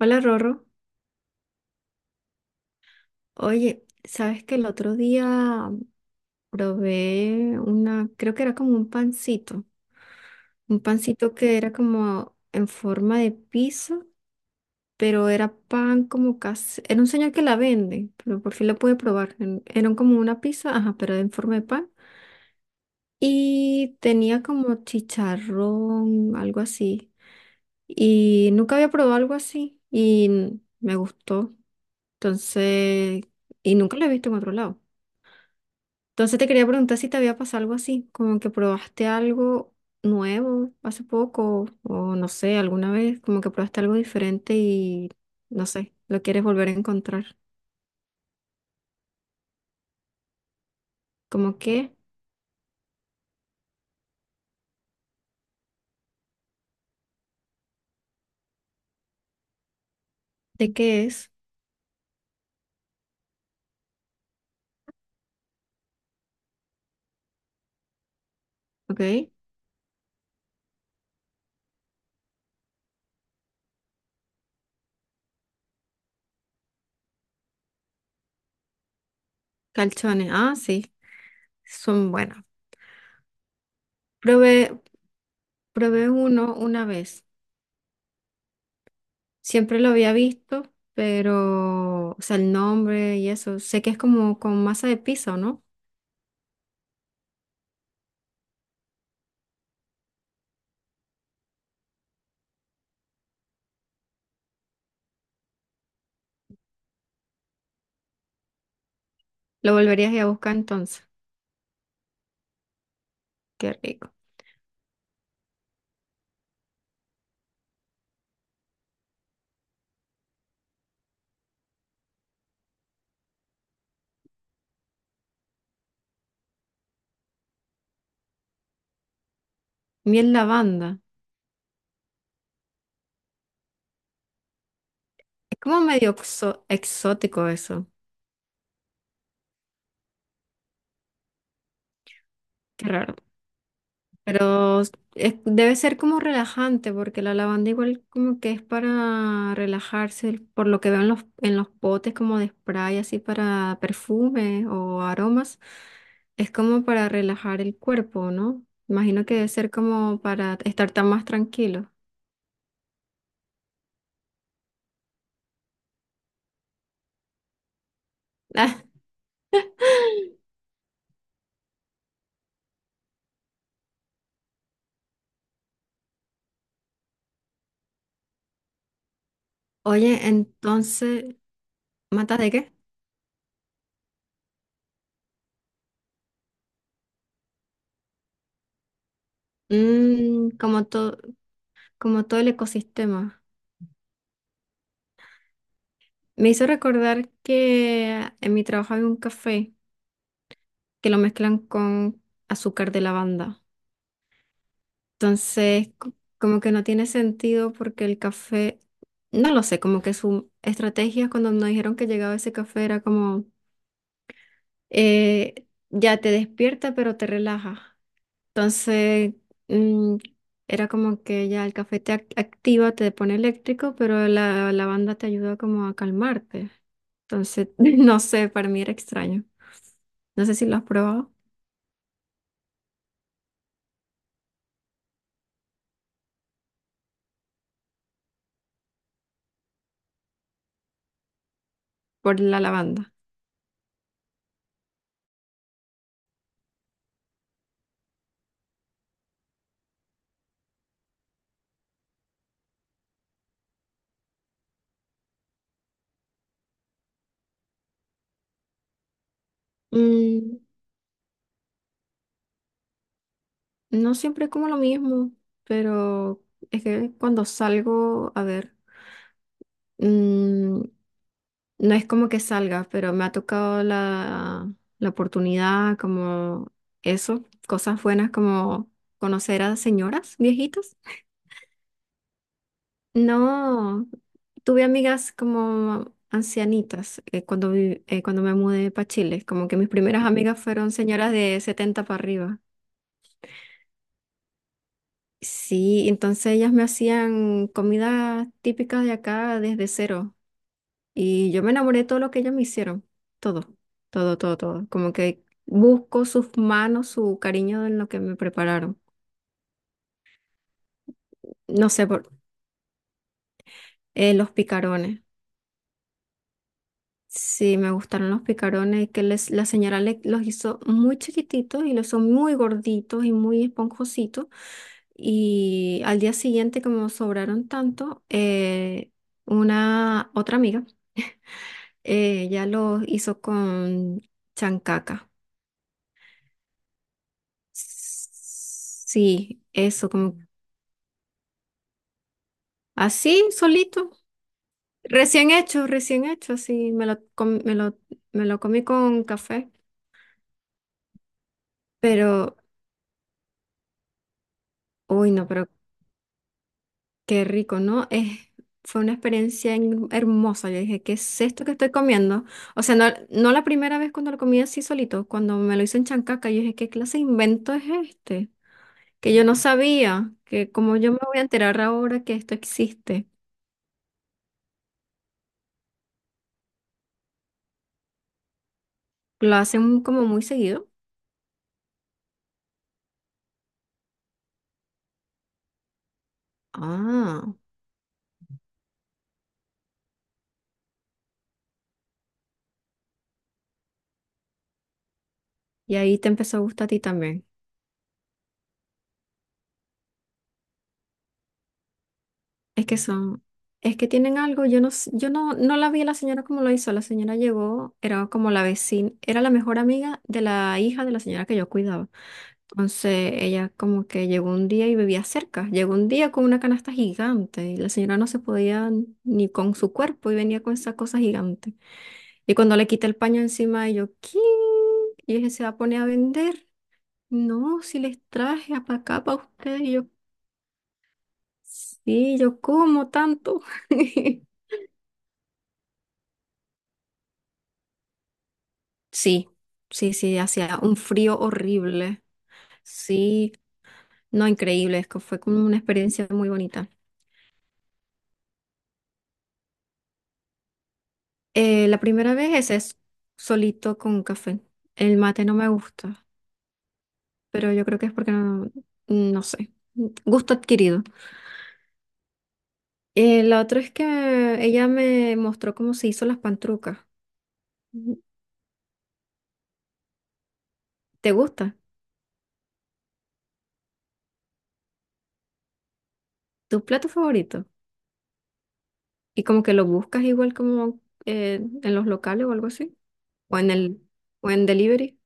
Hola Rorro, oye, sabes que el otro día probé una, creo que era como un pancito que era como en forma de pizza, pero era pan como casi, era un señor que la vende, pero por fin lo pude probar, era como una pizza, ajá, pero en forma de pan, y tenía como chicharrón, algo así, y nunca había probado algo así, y me gustó, entonces, y nunca lo he visto en otro lado. Entonces te quería preguntar si te había pasado algo así, como que probaste algo nuevo hace poco o no sé, alguna vez, como que probaste algo diferente y no sé, lo quieres volver a encontrar. ¿Cómo qué? ¿De qué es? ¿Ok? Calzones. Ah, sí, son buenos. Probé, probé uno una vez. Siempre lo había visto, pero, o sea, el nombre y eso. Sé que es como con masa de piso, ¿no? Lo volverías a ir a buscar entonces. Qué rico. Miel lavanda. Es como medio exótico eso, qué raro. Pero debe ser como relajante, porque la lavanda igual como que es para relajarse, por lo que veo en los, potes como de spray, así para perfume o aromas, es como para relajar el cuerpo, ¿no? Imagino que debe ser como para estar tan más tranquilo. Ah, oye, entonces, ¿matas de qué? Como todo, como todo el ecosistema. Me hizo recordar que en mi trabajo había un café que lo mezclan con azúcar de lavanda. Entonces, como que no tiene sentido porque el café, no lo sé, como que su estrategia cuando nos dijeron que llegaba ese café era como, ya te despierta pero te relaja. Entonces, mm, era como que ya el café te activa, te pone eléctrico, pero la lavanda te ayuda como a calmarte. Entonces, no sé, para mí era extraño. No sé si lo has probado por la lavanda. Mm, no siempre como lo mismo, pero es que cuando salgo, a ver, no es como que salga, pero me ha tocado la oportunidad, como eso, cosas buenas como conocer a señoras viejitas. No, tuve amigas como ancianitas cuando, cuando me mudé para Chile, como que mis primeras amigas fueron señoras de 70 para arriba. Sí, entonces ellas me hacían comida típica de acá desde cero. Y yo me enamoré de todo lo que ellos me hicieron, todo, todo, todo, todo. Como que busco sus manos, su cariño en lo que me prepararon. No sé, los picarones. Sí, me gustaron los picarones, que la señora los hizo muy chiquititos y los son muy gorditos y muy esponjositos. Y al día siguiente, como sobraron tanto, una otra amiga, ella los hizo con chancaca. Sí, eso, como así, solito. Recién hecho, así. Me lo comí con café. Pero, uy, no, pero qué rico, ¿no? Fue una experiencia hermosa. Yo dije, ¿qué es esto que estoy comiendo? O sea, no la primera vez cuando lo comí así solito, cuando me lo hizo en Chancaca, yo dije, ¿qué clase de invento es este? Que yo no sabía, que como yo me voy a enterar ahora que esto existe. Lo hacen como muy seguido. Ah. Y ahí te empezó a gustar a ti también. Es que son, es que tienen algo, yo no, s- yo no, no la vi a la señora como lo hizo. La señora llegó, era como la vecina, era la mejor amiga de la hija de la señora que yo cuidaba. Entonces ella como que llegó un día y vivía cerca. Llegó un día con una canasta gigante y la señora no se podía ni con su cuerpo y venía con esa cosa gigante. Y cuando le quité el paño encima, y yo, ¿qué? Y dije, se va a poner a vender. No, si les traje para acá para ustedes. Sí, yo como tanto. Sí, sí, sí, hacía un frío horrible. Sí, no, increíble, es que fue como una experiencia muy bonita. La primera vez es solito con café. El mate no me gusta, pero yo creo que es porque no sé, gusto adquirido. La otra es que ella me mostró cómo se hizo las pantrucas. Mm, ¿Te gusta? ¿Tu plato favorito? Y como que lo buscas igual como en los locales o algo así. o en el, o en delivery,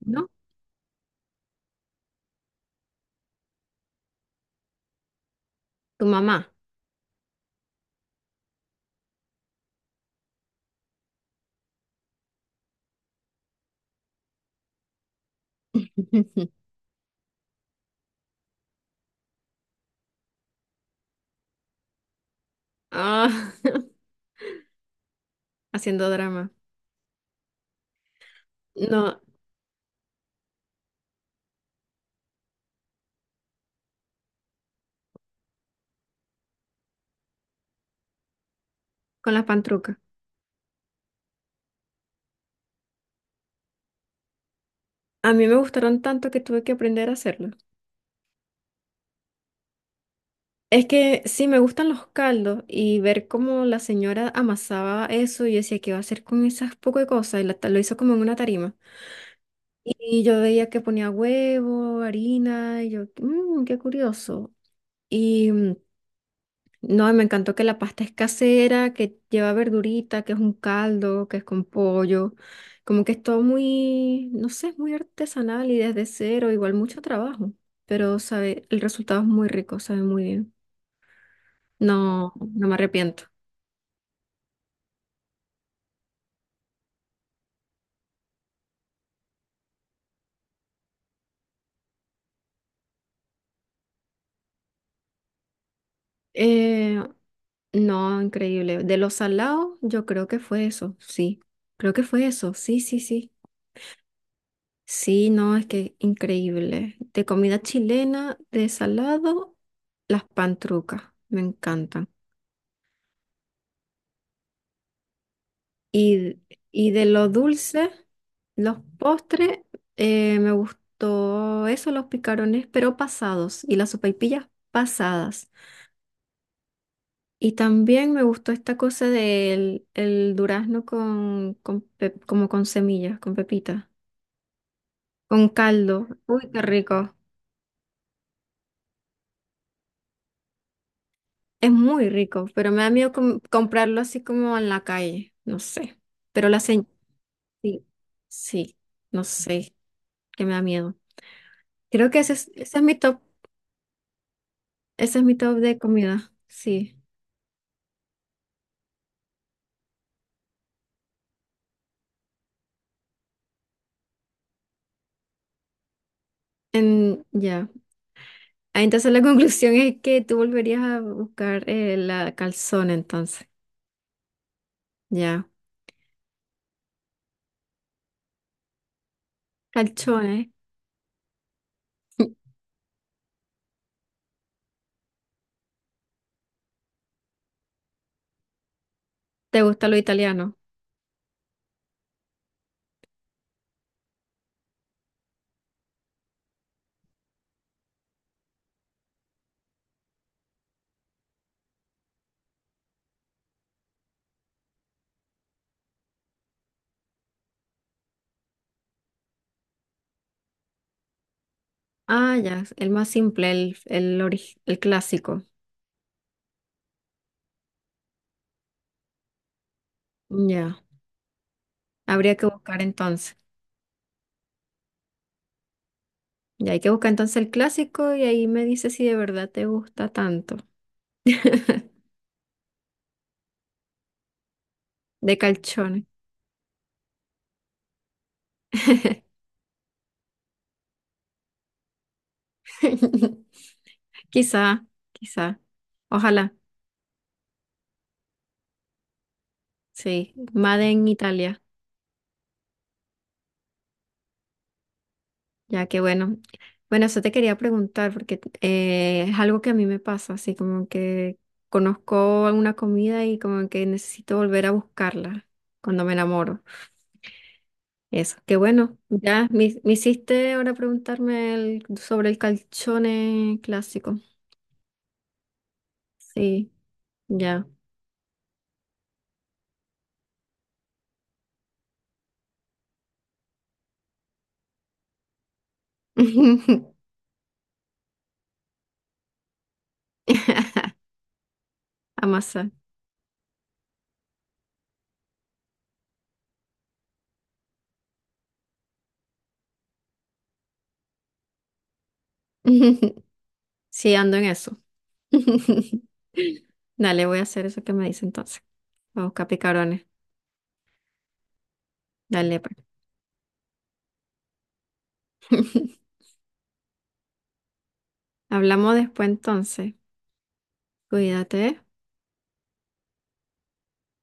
¿no? Tu mamá. Ah, haciendo drama. No, con las pantrucas. A mí me gustaron tanto que tuve que aprender a hacerlo. Es que sí, me gustan los caldos y ver cómo la señora amasaba eso y yo decía, ¿qué va a hacer con esas poco de cosas? Y lo hizo como en una tarima. Y yo veía que ponía huevo, harina, y yo, qué curioso." Y no, y me encantó que la pasta es casera, que lleva verdurita, que es un caldo, que es con pollo. Como que es todo muy, no sé, es muy artesanal y desde cero, igual mucho trabajo. Pero sabe, el resultado es muy rico, sabe muy bien. No, no me arrepiento. Eh, no, increíble. De los salados, yo creo que fue eso, sí. Creo que fue eso, sí, sí, sí. Sí, no, es que increíble. De comida chilena, de salado, las pantrucas, me encantan. Y, y de lo dulce, los postres, me gustó eso, los picarones, pero pasados, y las sopaipillas pasadas. Y también me gustó esta cosa del el durazno con, como con semillas, con pepitas, con caldo. Uy, qué rico. Es muy rico, pero me da miedo comprarlo así como en la calle, no sé. Pero la señal, sí, sí, no sé, que me da miedo. Creo que ese es mi top. Ese es mi top de comida, sí. En, ya. Ah, entonces la conclusión es que tú volverías a buscar la calzone, entonces. Ya. Calzone. ¿Te gusta lo italiano? Ah, ya. El más simple, el clásico. Ya. Habría que buscar entonces. Ya hay que buscar entonces el clásico y ahí me dices si de verdad te gusta tanto. De calzone. Quizá, quizá. Ojalá. Sí. Made en Italia. Ya, que bueno. Bueno, eso te quería preguntar porque es algo que a mí me pasa, así como que conozco alguna comida y como que necesito volver a buscarla cuando me enamoro. Eso, qué bueno. Ya, me hiciste ahora preguntarme sobre el calzone clásico. Sí, ya. Amasar. Sí, ando en eso. Dale, voy a hacer eso que me dice entonces. Vamos a buscar picarones. Dale, pues. Hablamos después entonces. Cuídate.